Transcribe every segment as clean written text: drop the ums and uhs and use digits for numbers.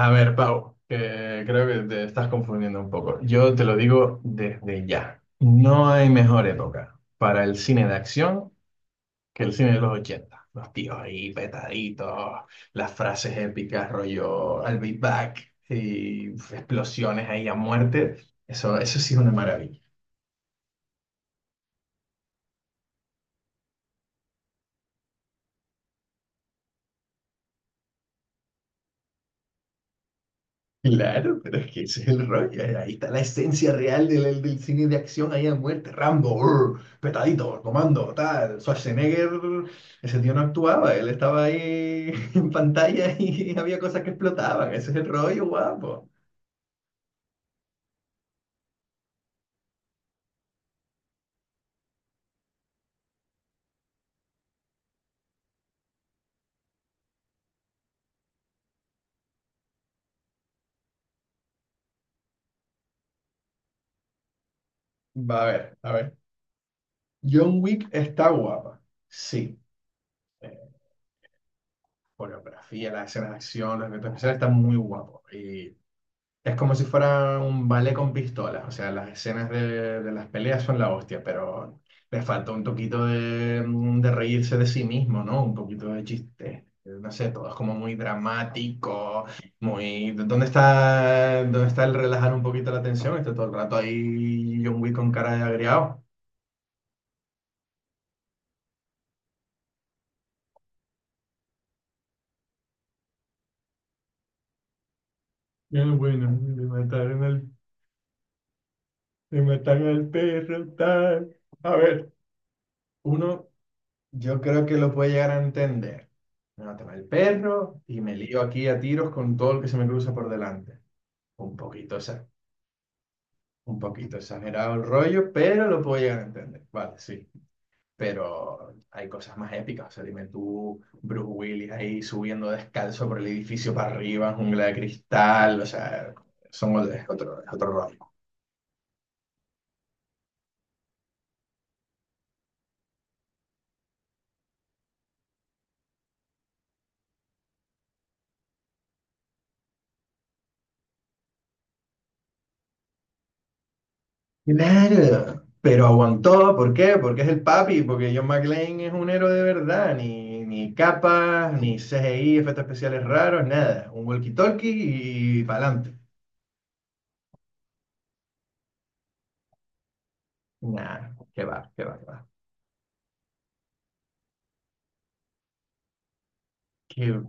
A ver, Pau, que creo que te estás confundiendo un poco. Yo te lo digo desde ya. No hay mejor época para el cine de acción que el cine de los 80. Los tíos ahí petaditos, las frases épicas, rollo I'll be back y explosiones ahí a muerte. Eso sí es una maravilla. Claro, pero es que ese es el rollo. Ahí está la esencia real del cine de acción ahí a muerte. Rambo, urr, petadito, comando, tal. Schwarzenegger, ese tío no actuaba, él estaba ahí en pantalla y había cosas que explotaban. Ese es el rollo, guapo. Va a ver, a ver. John Wick está guapa. Sí. Eh, Coreografía, las escenas de acción, los efectos especiales están muy guapos. Es como si fuera un ballet con pistolas, o sea, las escenas de las peleas son la hostia, pero le falta un poquito de reírse de sí mismo, ¿no? Un poquito de chiste. No sé, todo es como muy dramático, muy ¿dónde está, dónde está el relajar un poquito la tensión? Está todo el rato ahí John Wick con cara de agriado. Bueno, me mataron al perro, tal. A ver, uno yo creo que lo puede llegar a entender. Me mata el perro y me lío aquí a tiros con todo lo que se me cruza por delante. Un poquito, exa- un poquito exagerado el rollo, pero lo puedo llegar a entender. Vale, sí. Pero hay cosas más épicas. O sea, dime tú, Bruce Willis ahí subiendo descalzo por el edificio para arriba, en jungla de cristal. O sea, son otro, es otro, es otro rollo. Claro, pero aguantó, ¿por qué? Porque es el papi, porque John McClane es un héroe de verdad, ni capas, ni CGI, efectos especiales raros, nada. Un walkie-talkie y pa'lante. Nah, qué va, qué va, qué va. Qué-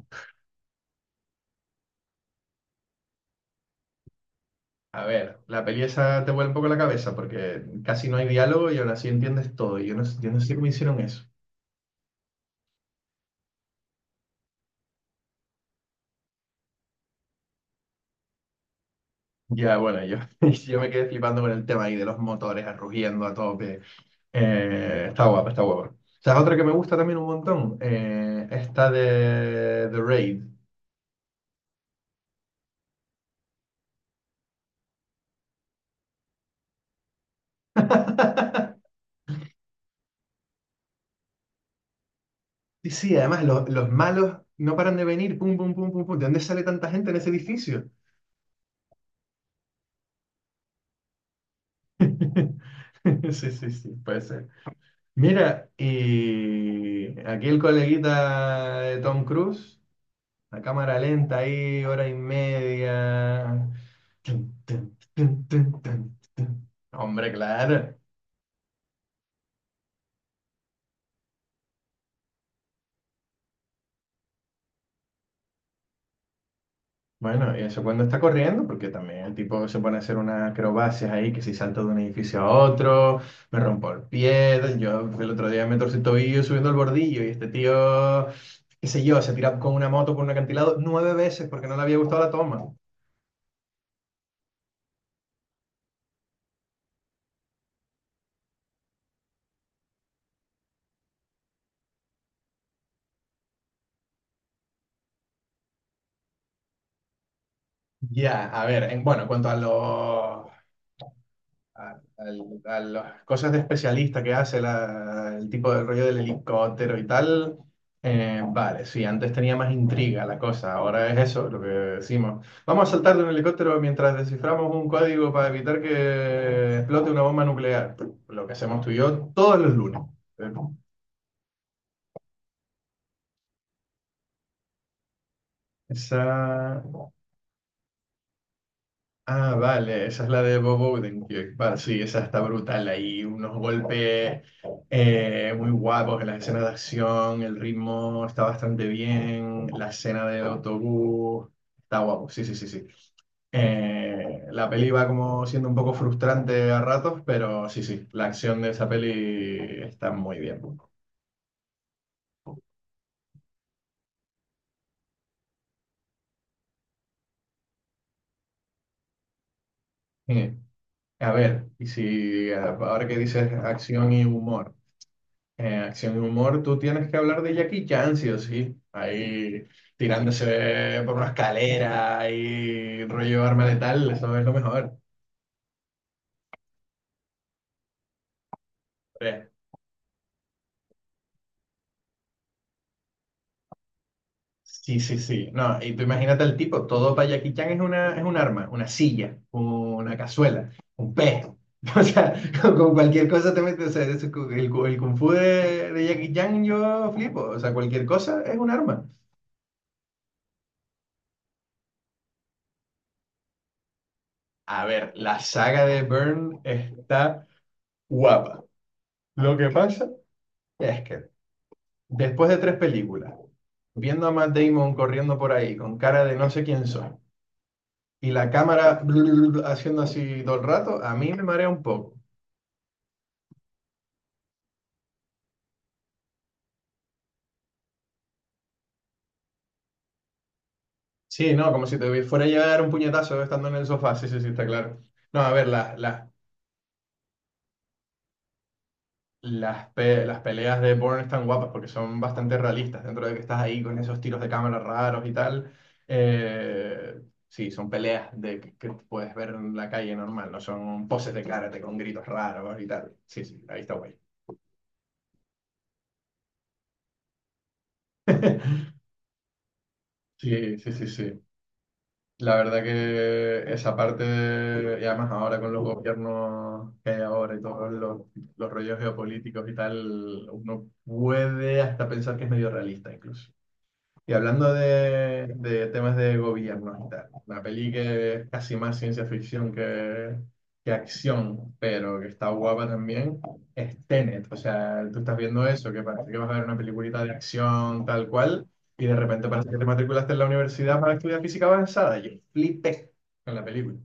A ver, la peli esa te vuelve un poco la cabeza porque casi no hay diálogo y aún así entiendes todo. Yo no sé cómo hicieron eso. Ya, bueno, yo, yo me quedé flipando con el tema ahí de los motores rugiendo a tope. Está guapa, está guapa. ¿Sabes otra que me gusta también un montón? Esta de The Raid. Sí, sí, además los malos no paran de venir, pum, pum, pum, pum, pum. ¿De dónde sale tanta gente en ese edificio? Sí, sí, sí, puede ser. Mira, y aquí el coleguita de Tom Cruise, la cámara lenta ahí, hora y media. Tun, tun, tun, tun, tun, tun. Hombre, claro. Bueno, y eso cuando está corriendo, porque también el tipo se pone a hacer unas acrobacias ahí, que si salto de un edificio a otro, me rompo el pie, yo el otro día me torcí el tobillo subiendo el bordillo y este tío, qué sé yo, se tira con una moto por un acantilado nueve veces porque no le había gustado la toma. Ya, a ver, bueno, en cuanto a los a las cosas de especialista que hace el tipo de rollo del helicóptero y tal. Vale, sí, antes tenía más intriga la cosa, ahora es eso lo que decimos. Vamos a saltar de un helicóptero mientras desciframos un código para evitar que explote una bomba nuclear. Lo que hacemos tú y yo todos los lunes. Esa Ah, vale, esa es la de Bob Odenkirk. Vale, sí, esa está brutal. Ahí unos golpes muy guapos en las escenas de acción, el ritmo está bastante bien, la escena del autobús está guapo. Sí, sí, sí, sí. La peli va como siendo un poco frustrante a ratos, pero sí, sí, la acción de esa peli está muy bien. Eh, a ver, y si ahora que dices acción y humor. Acción y humor, tú tienes que hablar de Jackie Chan, sí o sí. Ahí tirándose por una escalera y rollo arma letal, eso es lo mejor. Eh, sí, sí, sí. No, y tú imagínate al tipo, todo para Jackie Chan es una, es un arma, una silla, una cazuela, un pez. O sea, con cualquier cosa te metes. O sea, eso- es cu- el kung fu de Jackie Chan yo flipo. O sea, cualquier cosa es un arma. A ver, la saga de Burn está guapa. Lo que pasa es que después de tres películas, viendo a Matt Damon corriendo por ahí con cara de no sé quién soy y la cámara haciendo así todo el rato, a mí me marea un poco. Sí, no, como si te fuera a llegar un puñetazo estando en el sofá, sí, sí, sí, está claro. No, a ver, las peleas de Bourne están guapas porque son bastante realistas, dentro de que estás ahí con esos tiros de cámara raros y tal. eh, sí, son peleas que puedes ver en la calle normal, no son poses de karate con gritos raros y tal. Sí, sí, ahí está guay. Sí, sí, sí, sí. La verdad que esa parte, y además ahora con los gobiernos que hay ahora y todos los rollos geopolíticos y tal, uno puede hasta pensar que es medio realista incluso. Y hablando de temas de gobierno y tal, una peli que es casi más ciencia ficción que acción, pero que está guapa también, es Tenet. O sea, tú estás viendo eso, que parece que vas a ver una peliculita de acción tal cual, y de repente parece que te matriculaste en la universidad para estudiar física avanzada. Yo flipé con la película.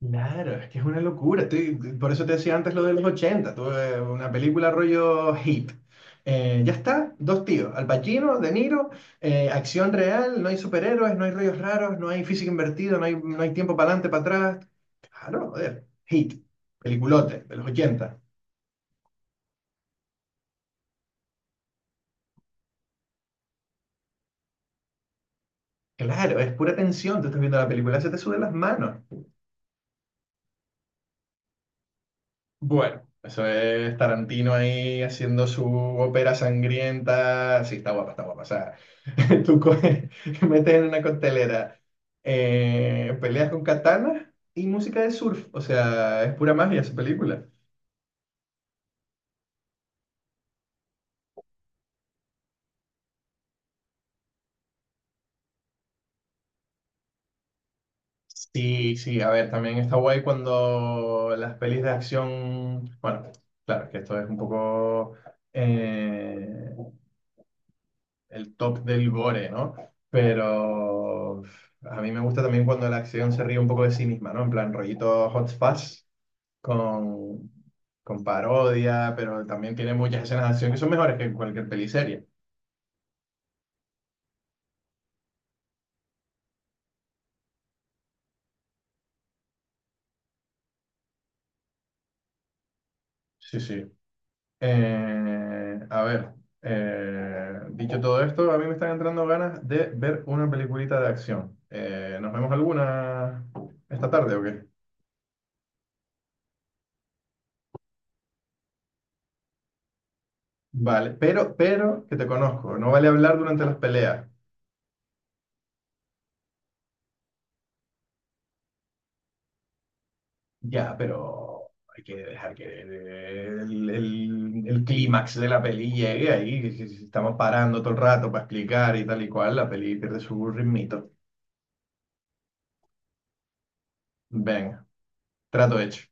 Claro, es que es una locura. Por eso te decía antes lo de los 80. Tuve una película rollo hit. Ya está, dos tíos, Al Pacino, De Niro, acción real, no hay superhéroes, no hay rollos raros, no hay física invertida, no hay tiempo para adelante, para atrás. Claro, joder, hit, peliculote de los 80. Claro, es pura tensión, tú estás viendo la película, se te suben las manos. Bueno, eso es Tarantino ahí haciendo su ópera sangrienta. Sí, está guapa, está guapa. O sea, tú coges, metes en una costelera peleas con katanas y música de surf. O sea, es pura magia esa película. Sí, sí, a ver, también está guay cuando las pelis de acción. Bueno, claro, que esto es un poco. eh, el top del gore, ¿no? Pero a mí me gusta también cuando la acción se ríe un poco de sí misma, ¿no? En plan, rollito Hot Fuzz con, con parodia, pero también tiene muchas escenas de acción que son mejores que cualquier peliserie. Sí, sí. A ver, dicho todo esto, a mí me están entrando ganas de ver una peliculita de acción. ¿Nos vemos alguna esta tarde o qué? Vale, pero que te conozco, no vale hablar durante las peleas. Ya, pero hay que dejar que el clímax de la peli llegue ahí. Que Si, si estamos parando todo el rato para explicar y tal y cual, la peli pierde su ritmito. Venga, trato hecho.